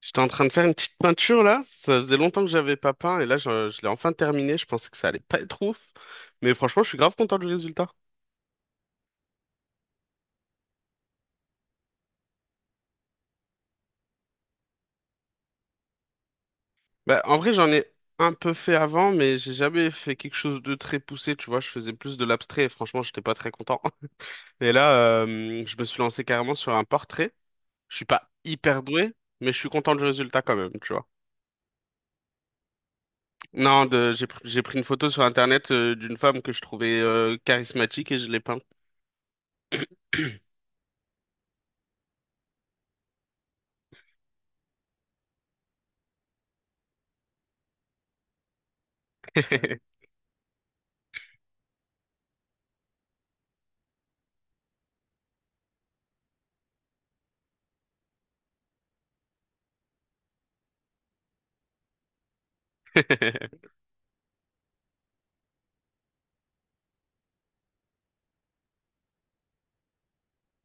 J'étais en train de faire une petite peinture là, ça faisait longtemps que j'avais pas peint et là je l'ai enfin terminé, je pensais que ça allait pas être ouf, mais franchement je suis grave content du résultat. Bah, en vrai j'en ai un peu fait avant mais j'ai jamais fait quelque chose de très poussé, tu vois, je faisais plus de l'abstrait et franchement j'étais pas très content. Et là je me suis lancé carrément sur un portrait, je suis pas hyper doué mais je suis content du résultat quand même, tu vois. Non, j'ai pris une photo sur internet d'une femme que je trouvais charismatique et je l'ai peinte.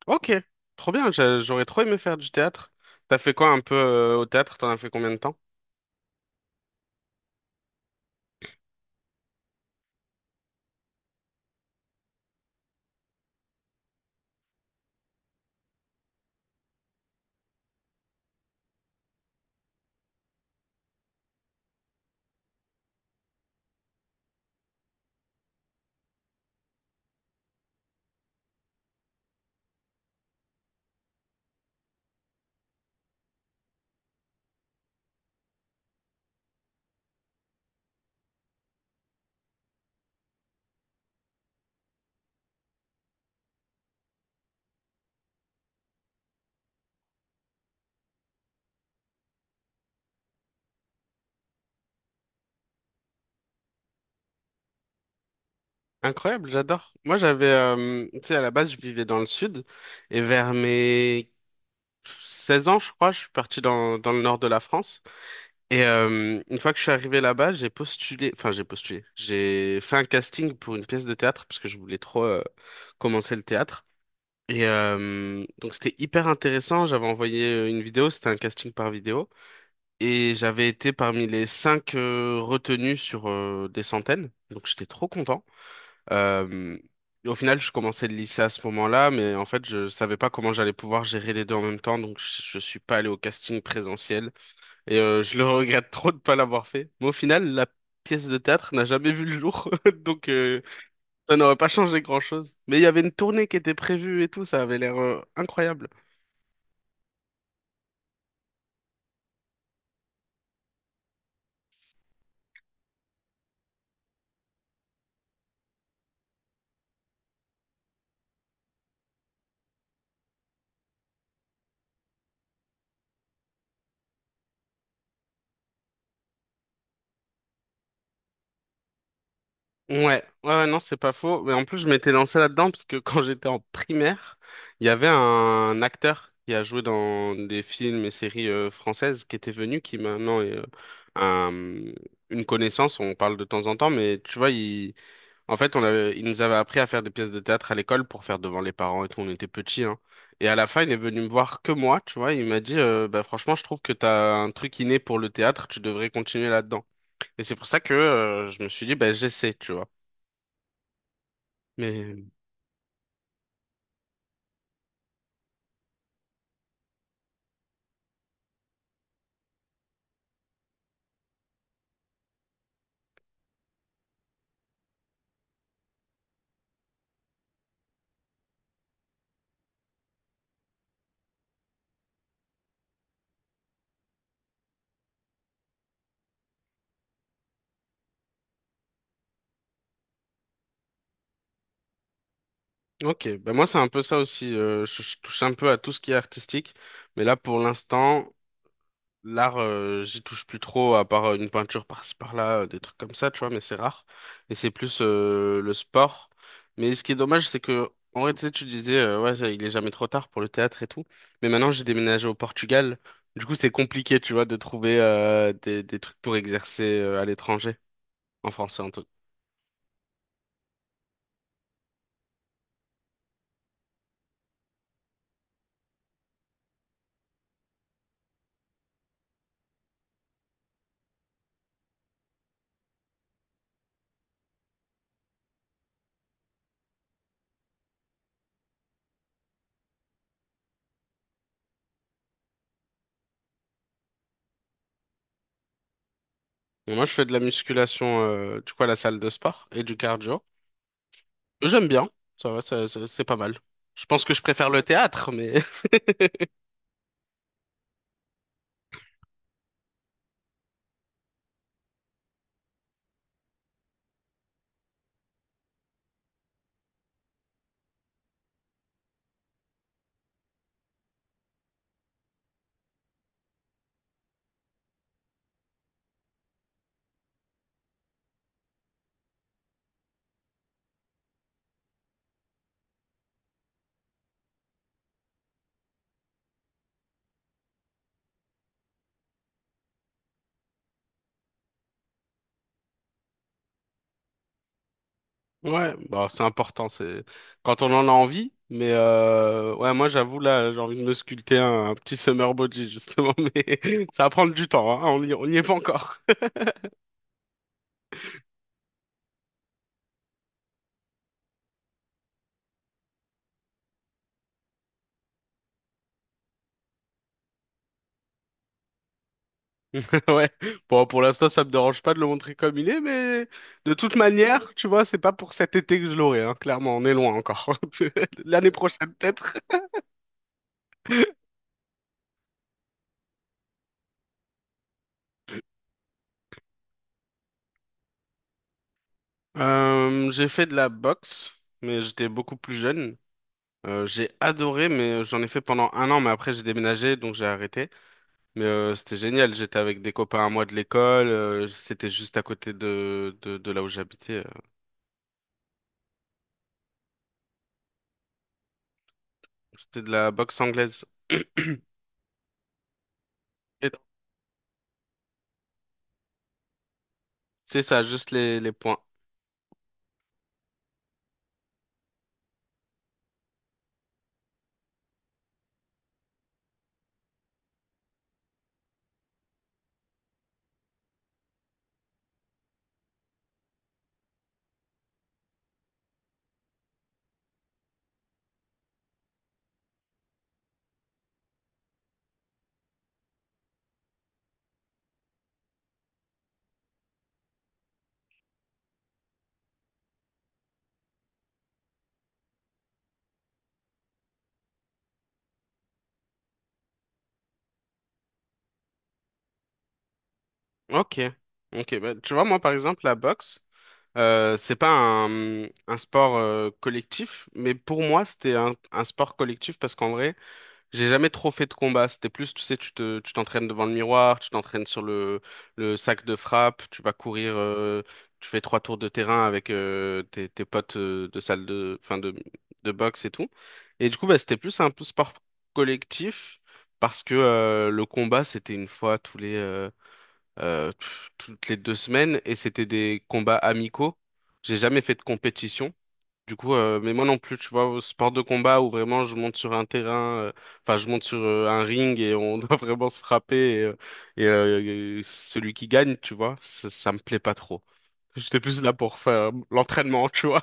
Ok, trop bien, j'aurais trop aimé faire du théâtre. T'as fait quoi un peu au théâtre? T'en as fait combien de temps? Incroyable, j'adore. Moi, j'avais, tu sais, à la base, je vivais dans le sud et vers mes 16 ans, je crois, je suis parti dans le nord de la France. Et une fois que je suis arrivé là-bas, j'ai postulé, enfin, j'ai postulé, j'ai fait un casting pour une pièce de théâtre parce que je voulais trop commencer le théâtre. Et donc, c'était hyper intéressant. J'avais envoyé une vidéo, c'était un casting par vidéo. Et j'avais été parmi les cinq retenus sur des centaines, donc j'étais trop content. Euh, Au final, je commençais le lycée à ce moment-là, mais en fait, je savais pas comment j'allais pouvoir gérer les deux en même temps, donc je suis pas allé au casting présentiel et je le regrette trop de pas l'avoir fait. Mais au final, la pièce de théâtre n'a jamais vu le jour, donc ça n'aurait pas changé grand-chose. Mais il y avait une tournée qui était prévue et tout, ça avait l'air incroyable. Ouais, ouais, ouais, non, c'est pas faux. Mais en plus, je m'étais lancé là-dedans parce que quand j'étais en primaire, il y avait un acteur qui a joué dans des films et séries françaises qui était venu, qui maintenant est un- une connaissance. On parle de temps en temps, mais tu vois, il, en fait, on avait, il nous avait appris à faire des pièces de théâtre à l'école pour faire devant les parents et tout. On était petits, hein. Et à la fin, il est venu me voir que moi, tu vois. Il m'a dit, bah, franchement, je trouve que t'as un truc inné pour le théâtre. Tu devrais continuer là-dedans. Et c'est pour ça que je me suis dit, bah, j'essaie, tu vois. Mais ok, ben moi c'est un peu ça aussi. Je touche un peu à tout ce qui est artistique, mais là pour l'instant, l'art, j'y touche plus trop à part une peinture par-ci par-là, des trucs comme ça, tu vois. Mais c'est rare. Et c'est plus le sport. Mais ce qui est dommage, c'est que en vrai, tu sais, tu disais, ouais, ça, il est jamais trop tard pour le théâtre et tout. Mais maintenant, j'ai déménagé au Portugal. Du coup, c'est compliqué, tu vois, de trouver des trucs pour exercer à l'étranger, en français en tout. Et moi, je fais de la musculation, du coup, à la salle de sport et du cardio. J'aime bien, ça va, c'est pas mal. Je pense que je préfère le théâtre, mais ouais, bah, c'est important, c'est quand on en a envie. Mais ouais, moi j'avoue là, j'ai envie de me sculpter un petit summer body justement, mais ça va prendre du temps, hein. On y est pas encore. Ouais. Bon, pour l'instant, ça me dérange pas de le montrer comme il est, mais de toute manière, tu vois, c'est pas pour cet été que je l'aurai, hein. Clairement, on est loin encore. L'année prochaine peut-être. J'ai fait de la boxe, mais j'étais beaucoup plus jeune. J'ai adoré, mais j'en ai fait pendant un an, mais après j'ai déménagé, donc j'ai arrêté. Mais c'était génial, j'étais avec des copains à moi de l'école, c'était juste à côté de là où j'habitais. C'était de la boxe anglaise. Et C'est ça, juste les points. Ok, ok. Bah, tu vois, moi par exemple, la boxe, c'est pas un sport collectif, mais pour moi, c'était un sport collectif parce qu'en vrai, j'ai jamais trop fait de combat. C'était plus, tu sais, tu t'entraînes devant le miroir, tu t'entraînes sur le sac de frappe, tu vas courir, tu fais trois tours de terrain avec tes potes de salle de, enfin de boxe et tout. Et du coup, bah, c'était plus un peu sport collectif parce que le combat, c'était une fois toutes les 2 semaines et c'était des combats amicaux. J'ai jamais fait de compétition. Du coup, mais moi non plus, tu vois, au sport de combat où vraiment je monte sur un terrain, enfin je monte sur un ring et on doit vraiment se frapper et, celui qui gagne, tu vois, ça me plaît pas trop. J'étais plus là pour faire l'entraînement, tu vois.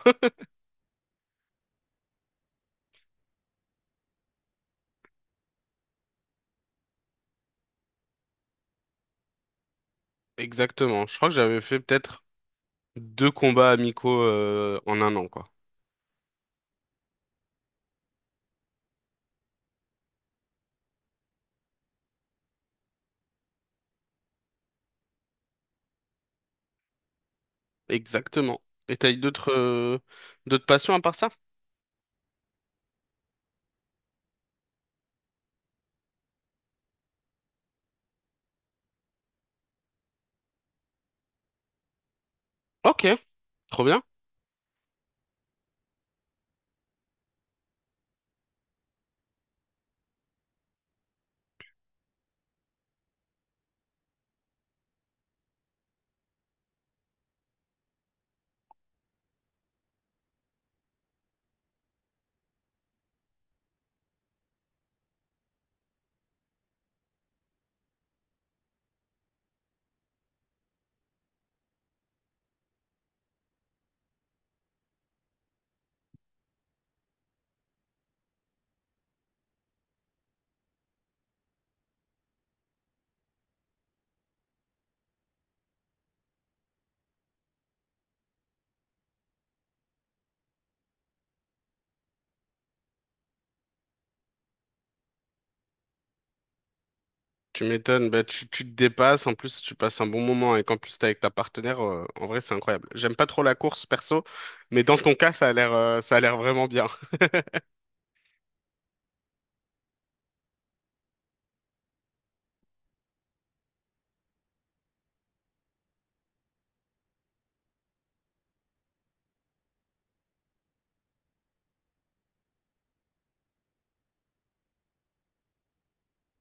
Exactement. Je crois que j'avais fait peut-être deux combats amicaux en un an, quoi. Exactement. Et t'as eu d'autres d'autres passions à part ça? Ok, trop bien. Tu m'étonnes, bah, tu te dépasses, en plus tu passes un bon moment et qu'en plus t'es avec ta partenaire, en vrai c'est incroyable. J'aime pas trop la course perso, mais dans ton cas ça a l'air vraiment bien.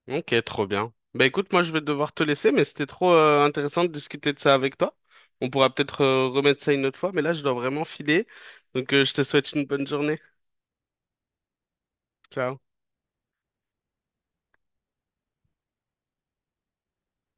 Ok, trop bien. Bah écoute, moi je vais devoir te laisser, mais c'était trop intéressant de discuter de ça avec toi. On pourra peut-être remettre ça une autre fois, mais là je dois vraiment filer. Donc je te souhaite une bonne journée. Ciao.